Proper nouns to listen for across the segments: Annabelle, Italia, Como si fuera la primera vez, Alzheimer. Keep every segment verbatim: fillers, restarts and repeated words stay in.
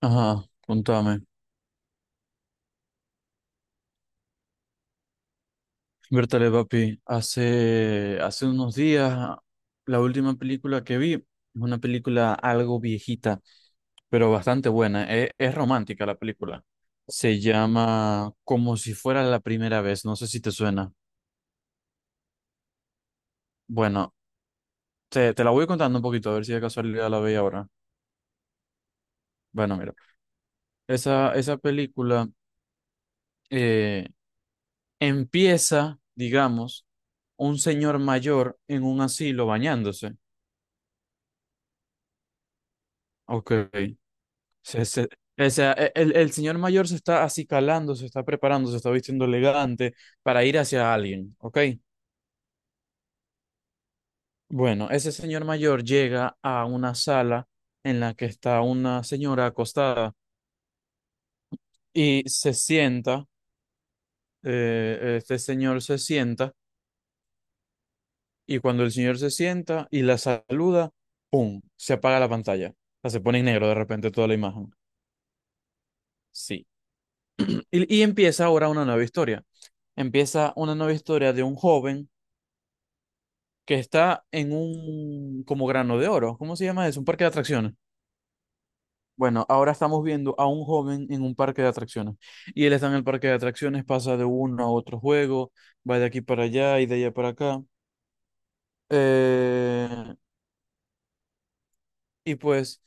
Ajá, contame. Bertale, papi, hace, hace unos días, la última película que vi es una película algo viejita, pero bastante buena. Es, es romántica la película. Se llama Como si fuera la primera vez. No sé si te suena. Bueno, te, te la voy contando un poquito, a ver si de casualidad la veis ahora. Bueno, mira, esa, esa película eh, empieza, digamos, un señor mayor en un asilo bañándose. Ok. Se- se- o sea, e- el, el señor mayor se está acicalando, se está preparando, se está vistiendo elegante para ir hacia alguien, ¿ok? Bueno, ese señor mayor llega a una sala en la que está una señora acostada y se sienta. Eh, este señor se sienta, y cuando el señor se sienta y la saluda, ¡pum! Se apaga la pantalla. O sea, se pone en negro de repente toda la imagen. Sí. Y, y empieza ahora una nueva historia. Empieza una nueva historia de un joven que está en un como grano de oro. ¿Cómo se llama eso? Un parque de atracciones. Bueno, ahora estamos viendo a un joven en un parque de atracciones. Y él está en el parque de atracciones, pasa de uno a otro juego, va de aquí para allá y de allá para acá. Eh, y pues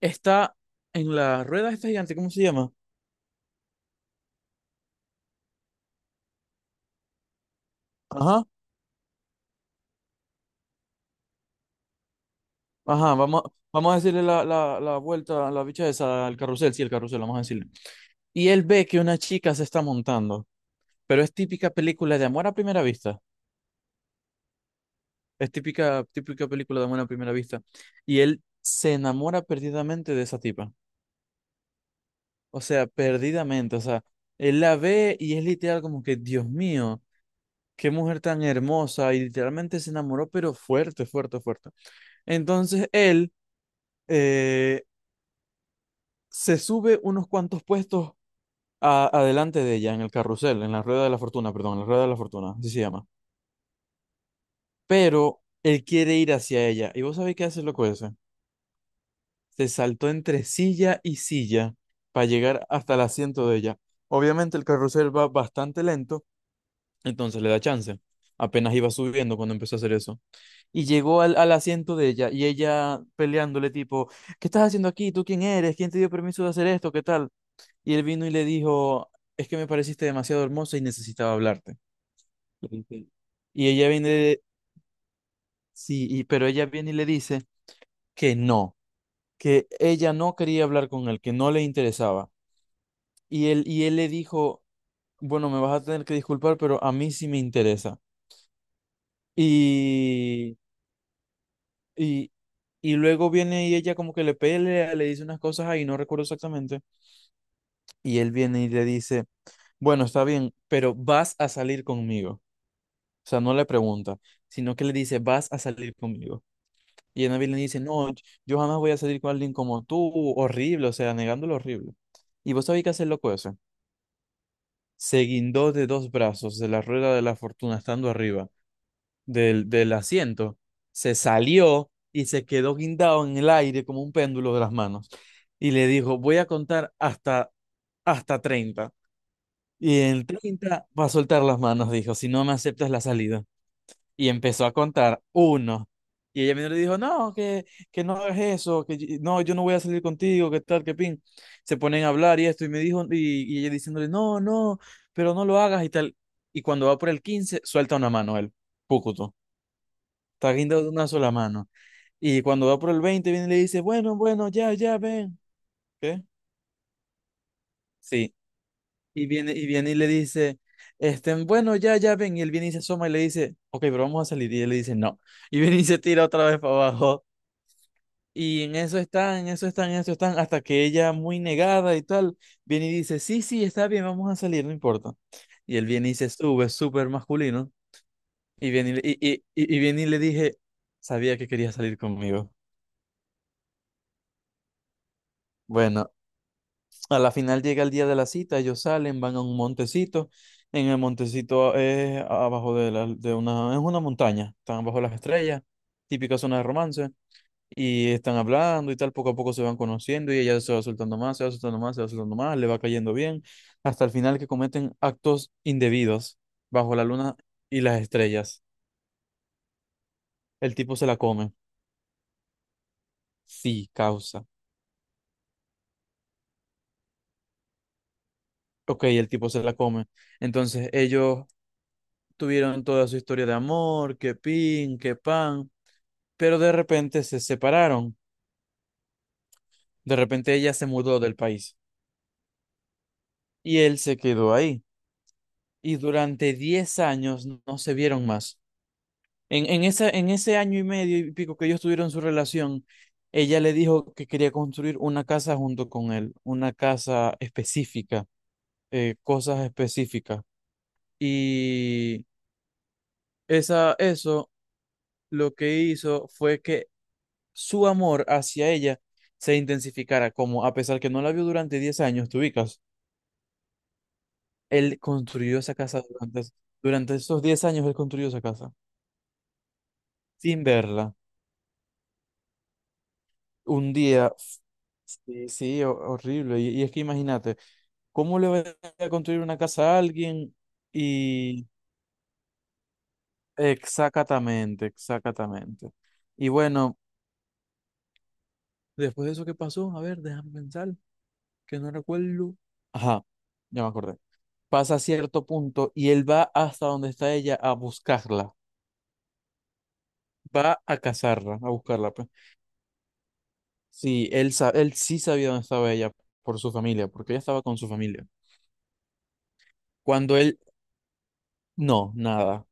está en la rueda esta gigante, ¿cómo se llama? Ajá, ajá, vamos, vamos a decirle la, la, la vuelta, la bicha esa, al carrusel, sí, el carrusel, vamos a decirle. Y él ve que una chica se está montando, pero es típica película de amor a primera vista. Es típica, típica película de amor a primera vista. Y él se enamora perdidamente de esa tipa. O sea, perdidamente. O sea, él la ve y es literal como que, Dios mío, qué mujer tan hermosa. Y literalmente se enamoró, pero fuerte, fuerte, fuerte. Entonces él eh, se sube unos cuantos puestos a- adelante de ella en el carrusel, en la rueda de la fortuna, perdón, en la rueda de la fortuna, así se llama. Pero él quiere ir hacia ella. ¿Y vos sabés qué hace el loco ese? Se saltó entre silla y silla para llegar hasta el asiento de ella. Obviamente el carrusel va bastante lento, entonces le da chance. Apenas iba subiendo cuando empezó a hacer eso. Y llegó al, al asiento de ella, y ella peleándole tipo, ¿qué estás haciendo aquí? ¿Tú quién eres? ¿Quién te dio permiso de hacer esto? ¿Qué tal? Y él vino y le dijo, es que me pareciste demasiado hermosa y necesitaba hablarte. Y ella viene, sí, y, pero ella viene y le dice que no, que ella no quería hablar con él, que no le interesaba. Y él, y él le dijo, bueno, me vas a tener que disculpar, pero a mí sí me interesa. Y, y, y luego viene y ella como que le pelea, le dice unas cosas ahí, no recuerdo exactamente. Y él viene y le dice, bueno, está bien, pero vas a salir conmigo. O sea, no le pregunta, sino que le dice, vas a salir conmigo. Y Annabelle le dice, no, yo jamás voy a salir con alguien como tú, horrible, o sea, negándolo horrible. Y vos sabés qué hace el loco ese. Se guindó de dos brazos de la rueda de la fortuna estando arriba del, del asiento, se salió y se quedó guindado en el aire como un péndulo de las manos. Y le dijo, voy a contar hasta, hasta treinta. Y en treinta va a soltar las manos, dijo, si no me aceptas la salida. Y empezó a contar uno. Y ella mismo le dijo, no, que, que no hagas eso, que yo- no, yo no voy a salir contigo, que tal, que pin. Se ponen a hablar y esto, y me dijo, y, y ella diciéndole, no, no, pero no lo hagas y tal. Y cuando va por el quince suelta una mano él, púcuto. Está guindado de una sola mano. Y cuando va por el veinte viene y le dice, bueno, bueno, ya, ya, ven. ¿Qué? Sí. Y viene, y viene y le dice, este, bueno, ya, ya, ven. Y él viene y se asoma y le dice, ok, pero vamos a salir. Y él le dice, no. Y viene y se tira otra vez para abajo. Y en eso están, en eso están, en eso están, hasta que ella, muy negada y tal, viene y dice, sí, sí, está bien, vamos a salir, no importa. Y él viene y se sube, súper masculino. Y viene y, le- y, y, y y viene y le dije, sabía que quería salir conmigo. Bueno, a la final llega el día de la cita, ellos salen, van a un montecito. En el montecito es abajo de, la, de una, es una montaña, están bajo las estrellas, típica zona de romance, y están hablando y tal, poco a poco se van conociendo y ella se va soltando más, se va soltando más, se va soltando más, le va cayendo bien, hasta el final que cometen actos indebidos bajo la luna y las estrellas. El tipo se la come, sí, causa. Ok, el tipo se la come. Entonces ellos tuvieron toda su historia de amor, que pin, que pan, pero de repente se separaron. De repente ella se mudó del país y él se quedó ahí. Y durante diez años no no se vieron más. En, en, esa, en ese año y medio y pico que ellos tuvieron su relación, ella le dijo que quería construir una casa junto con él, una casa específica, eh, cosas específicas. Y esa, eso lo que hizo fue que su amor hacia ella se intensificara, como a pesar que no la vio durante diez años, te ubicas, él construyó esa casa durante, durante esos diez años, él construyó esa casa sin verla. Un día, sí, sí, ho- horrible. Y, y es que imagínate, ¿cómo le va a construir una casa a alguien? Y exactamente, exactamente. Y bueno, después de eso que pasó, a ver, déjame pensar, que no recuerdo. Ajá, ya me acordé. Pasa a cierto punto y él va hasta donde está ella a buscarla, va a cazarla, a buscarla, pues. Sí, él, sa- él sí sabía dónde estaba ella por su familia, porque ella estaba con su familia. Cuando él, no, nada,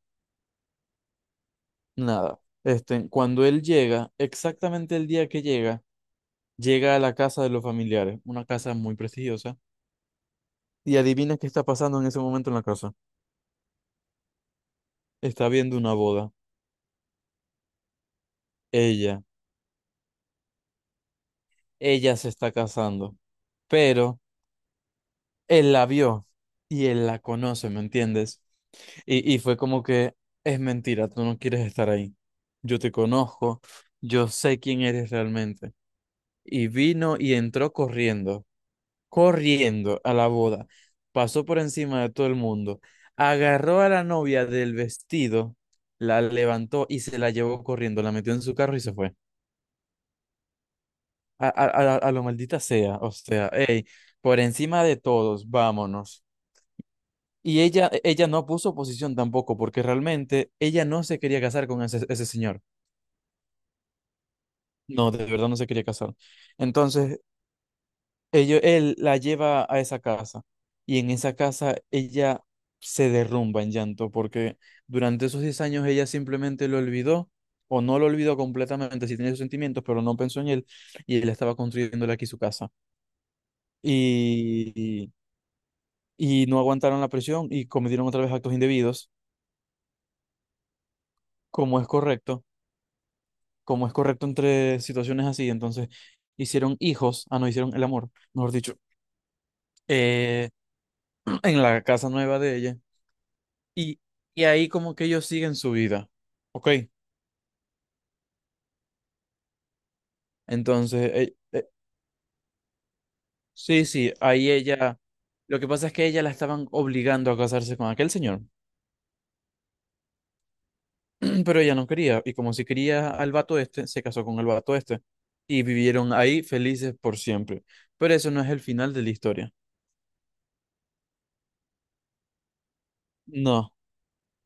nada. Este, cuando él llega, exactamente el día que llega, llega a la casa de los familiares, una casa muy prestigiosa, y adivina qué está pasando en ese momento en la casa. Está viendo una boda, ella, ella se está casando, pero él la vio y él la conoce, ¿me entiendes? Y, y fue como que es mentira, tú no quieres estar ahí. Yo te conozco, yo sé quién eres realmente. Y vino y entró corriendo, corriendo a la boda. Pasó por encima de todo el mundo, agarró a la novia del vestido, la levantó y se la llevó corriendo, la metió en su carro y se fue. A, a, a, a lo maldita sea, o sea, hey, por encima de todos, vámonos. Y ella, e, ella no puso oposición tampoco, porque realmente ella no se quería casar con ese, ese señor. No, de verdad no se quería casar. Entonces, ello- él la lleva a esa casa, y en esa casa ella se derrumba en llanto, porque durante esos diez años ella simplemente lo olvidó, o no lo olvidó completamente, sí tenía sus sentimientos, pero no pensó en él, y él estaba construyéndole aquí su casa. y, y no aguantaron la presión y cometieron otra vez actos indebidos, como es correcto, como es correcto entre situaciones así. Entonces, hicieron hijos, ah, no, hicieron el amor, mejor dicho, eh, en la casa nueva de ella. Y, y ahí como que ellos siguen su vida, ¿ok? Entonces, eh, eh, sí, sí, ahí ella, lo que pasa es que ella la estaban obligando a casarse con aquel señor, pero ella no quería, y como si quería al vato este, se casó con el vato este, y vivieron ahí felices por siempre. Pero eso no es el final de la historia. No.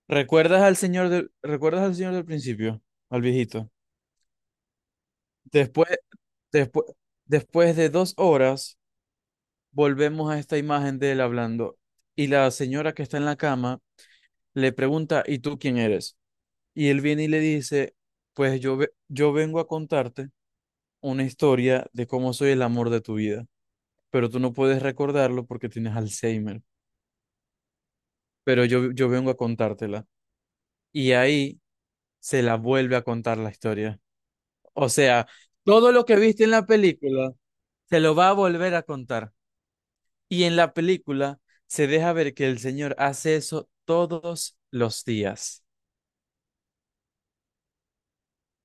¿Recuerdas al señor del, recuerdas al señor del principio? Al viejito. Después, después, Después de dos horas, volvemos a esta imagen de él hablando. Y la señora que está en la cama le pregunta, ¿y tú quién eres? Y él viene y le dice, pues yo, ve- yo vengo a contarte una historia de cómo soy el amor de tu vida, pero tú no puedes recordarlo porque tienes Alzheimer, pero yo, yo vengo a contártela. Y ahí se la vuelve a contar la historia. O sea, todo lo que viste en la película se lo va a volver a contar. Y en la película se deja ver que el señor hace eso todos los días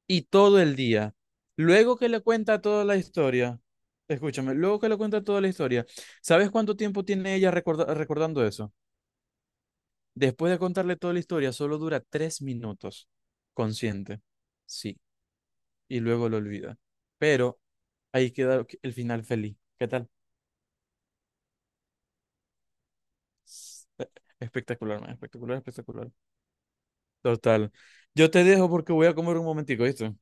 y todo el día. Luego que le cuenta toda la historia, escúchame, luego que le cuenta toda la historia, ¿sabes cuánto tiempo tiene ella recorda- recordando eso? Después de contarle toda la historia, solo dura tres minutos, consciente. Sí, y luego lo olvida. Pero ahí queda el final feliz. ¿Qué tal? Espectacular, man, espectacular, espectacular. Total. Yo te dejo porque voy a comer un momentico, ¿viste?